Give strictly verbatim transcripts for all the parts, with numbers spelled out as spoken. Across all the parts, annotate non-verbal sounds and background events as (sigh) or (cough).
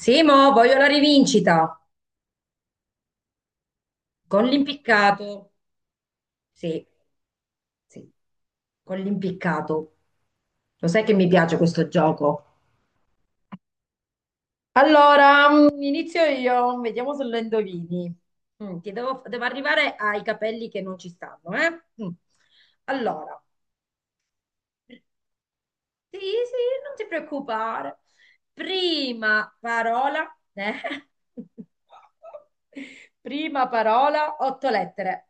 Simo, voglio la rivincita con l'impiccato. Sì, sì, con l'impiccato. Lo sai che mi piace questo gioco. Allora, mm, inizio io, vediamo se lo indovini. Mm, ti devo, devo arrivare ai capelli che non ci stanno, eh? Mm. Allora, sì, sì, non ti preoccupare. Prima parola, eh? (laughs) Prima parola, otto lettere.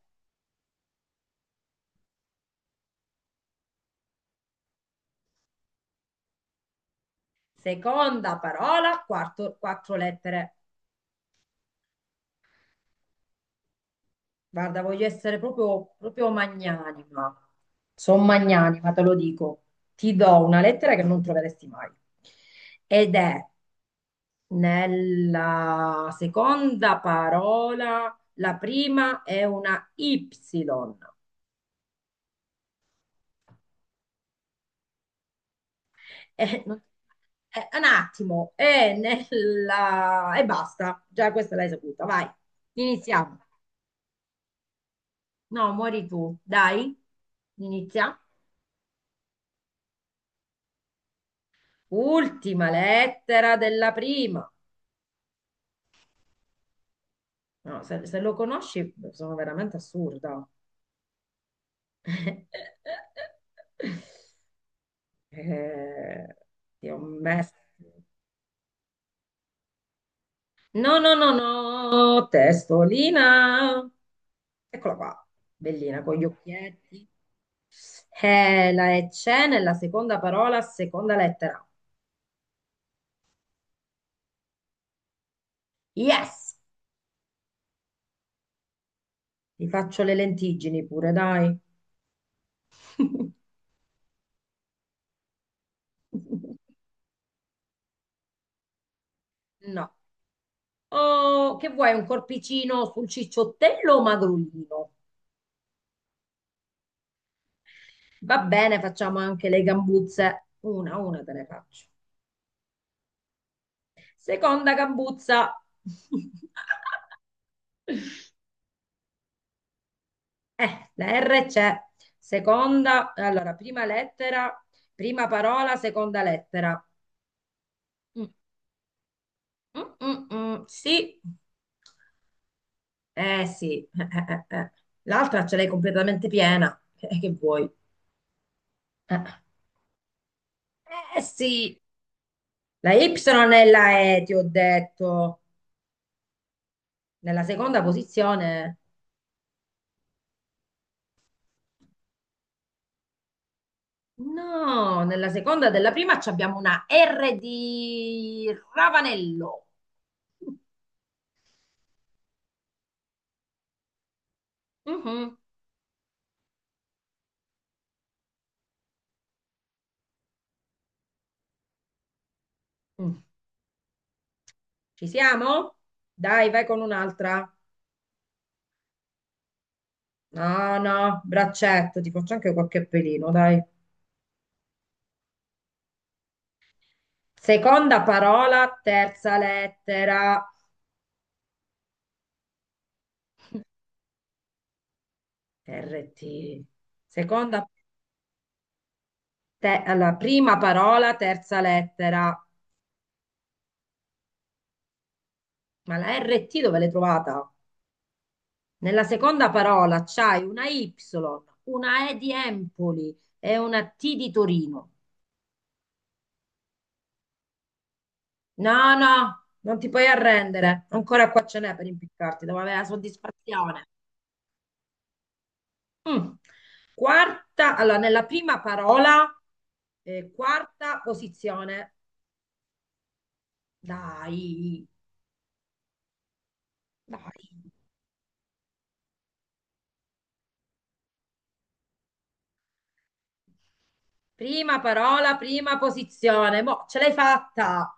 Seconda parola, quarto- quattro lettere. Guarda, voglio essere proprio, proprio magnanima. Sono magnanima, te lo dico. Ti do una lettera che non troveresti mai. Ed è nella seconda parola, la prima è una Y. Eh, non- eh, un attimo, è nella e basta. Già questa l'hai saputa, vai. Iniziamo. No, muori tu, dai. Inizia. Ultima lettera della prima. No, se, se lo conosci, sono veramente assurda. (laughs) Eh, ti ho messo. No, no, no, no, testolina. Eccola qua, bellina, con gli occhietti. Eh, la E c'è nella seconda parola, seconda lettera. Yes! Ti faccio le lentiggini pure, dai. (laughs) No. O che vuoi, un corpicino sul cicciottello o magrolino? Va bene, facciamo anche le gambuzze. Una, una te ne faccio. Seconda gambuzza. (laughs) Eh, la R c'è. Seconda, allora, prima lettera, prima parola, seconda lettera. Mm, mm, mm, mm, Sì, eh sì. Eh, eh, eh, eh. L'altra ce l'hai completamente piena. Eh, che vuoi? Eh, eh, sì. La Y è la E, ti ho detto. Nella seconda posizione, no, nella seconda della prima ci abbiamo una R di Ravanello. Mhm. Mm. Ci siamo? Dai, vai con un'altra. No, no, braccetto, ti faccio anche qualche pelino, dai. Seconda parola, terza lettera. R T. Seconda, te- Alla prima parola, terza lettera. Ma la R T dove l'hai trovata? Nella seconda parola c'hai una Y, una E di Empoli e una T di Torino. No, no, non ti puoi arrendere. Ancora qua ce n'è per impiccarti, devo avere la soddisfazione. Mm. Quarta, allora, nella prima parola, eh, quarta posizione. Dai, dai. Prima parola, prima posizione. Boh, ce l'hai fatta.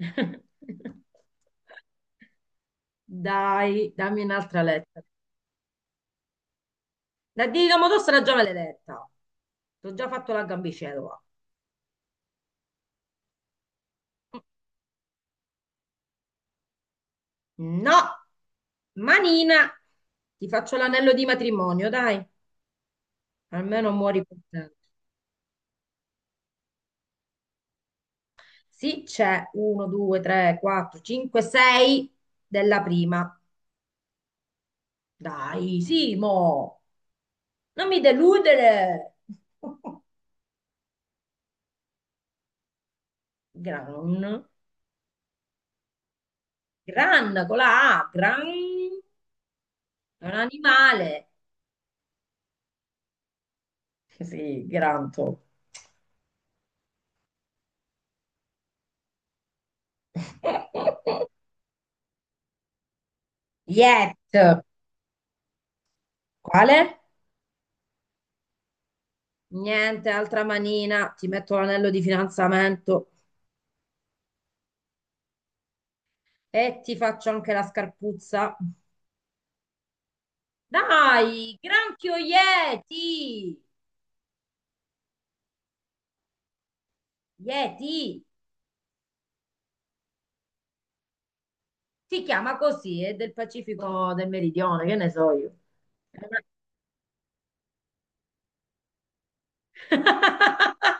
(laughs) Dai, dammi un'altra lettera. La di Domodossola era già maledetta. Ti ho già fatto la gambicella. No, manina, ti faccio l'anello di matrimonio, dai, almeno muori contento. Sì, c'è uno, due, tre, quattro, cinque, sei della prima. Dai, Simo, non mi deludere. (laughs) Gran, gran con la A, gran è un animale. Sì, granto. (laughs) Yet. Quale? Niente, altra manina, ti metto l'anello di fidanzamento e ti faccio anche la scarpuzza. Dai, granchio Yeti! Yeti! Si chiama così, è del Pacifico del Meridione, che ne so io. (laughs)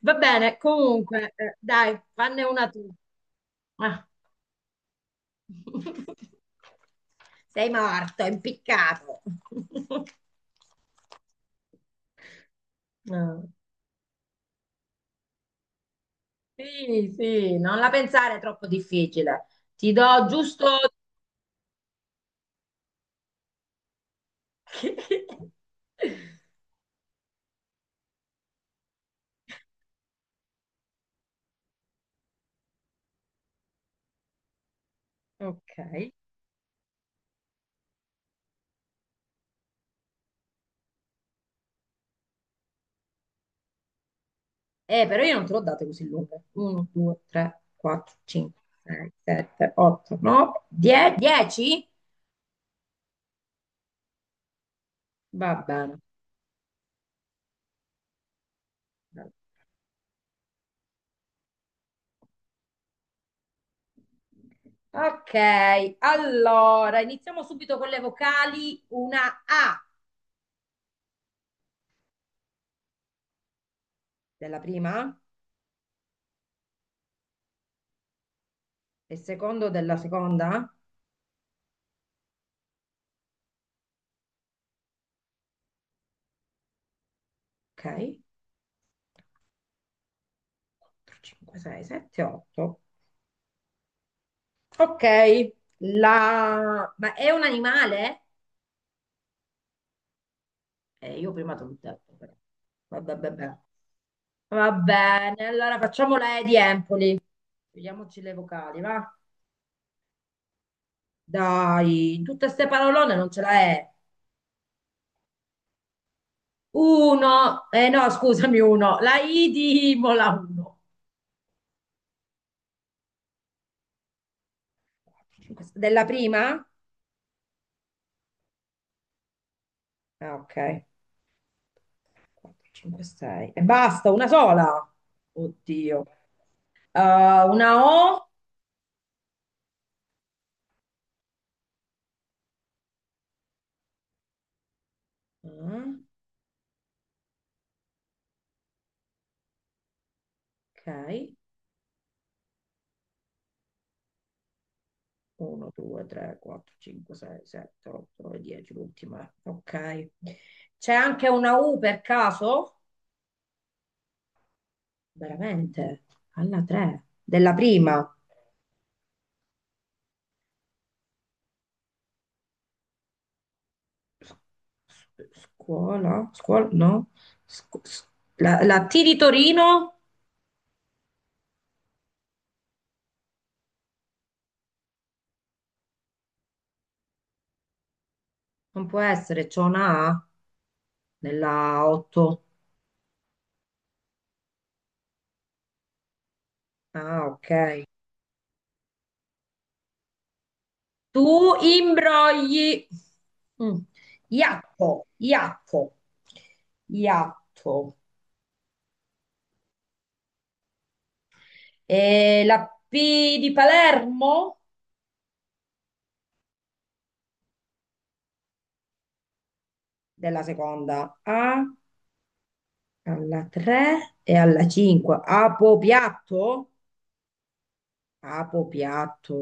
Va bene, comunque, eh, dai, fanne una tu. Ah. (laughs) Sei morto, impiccato. (laughs) No. Sì, sì, non la pensare è troppo difficile. Ti do giusto. (laughs) Ok. Eh, però io non te l'ho date così lunghe. uno, due, tre, quattro, cinque, sei, sette, otto, nove, dieci. Va bene. Ok, allora iniziamo subito con le vocali. Una A della prima e secondo della seconda. Ok. quattro, cinque, sei, sette, otto. Ok, la... ma è un animale? Eh, io prima te l'ho detto, però. Vabbè, vabbè. Va bene, allora facciamo la E di Empoli. Vediamoci le vocali, va? Dai, tutte ste parolone non ce la è. Uno, eh no, scusami, uno. La I di Imola, uno. Quattro, cinque, sei. Della prima? Ah, ok. quattro, cinque, sei. E basta, una sola. Oddio. Eh, una O. Ah, ok. uno, due, tre, quattro, cinque, sei, sette, otto, nove, dieci, l'ultima. Ok. C'è anche una U per caso? Veramente? Alla tre. Della prima. S- Scuola? Scuola? No. Scu- s- la, la T di Torino? Non può essere, c'è una A nella otto. Ah, ok. Tu imbrogli. Mm. Iatto, iatto, iatto. E la P di Palermo della seconda A alla tre e alla cinque. Apopiatto? Apopiatto.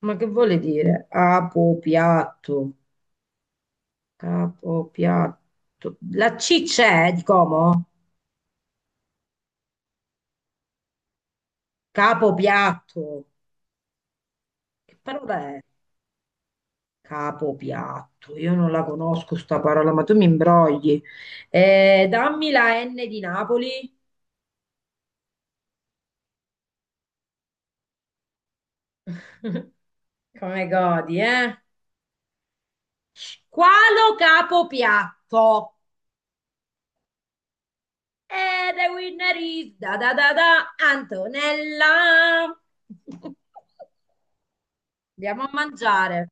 Ma che vuole dire? Apopiatto. Capopiatto. La C c'è di Como? Capopiatto. Che parola è? Capopiatto. Io non la conosco sta parola, ma tu mi imbrogli. Eh, dammi la N di Napoli. (laughs) Come godi, eh? Qualo capo piatto? E the winner is da da da da Antonella. (laughs) Andiamo a mangiare.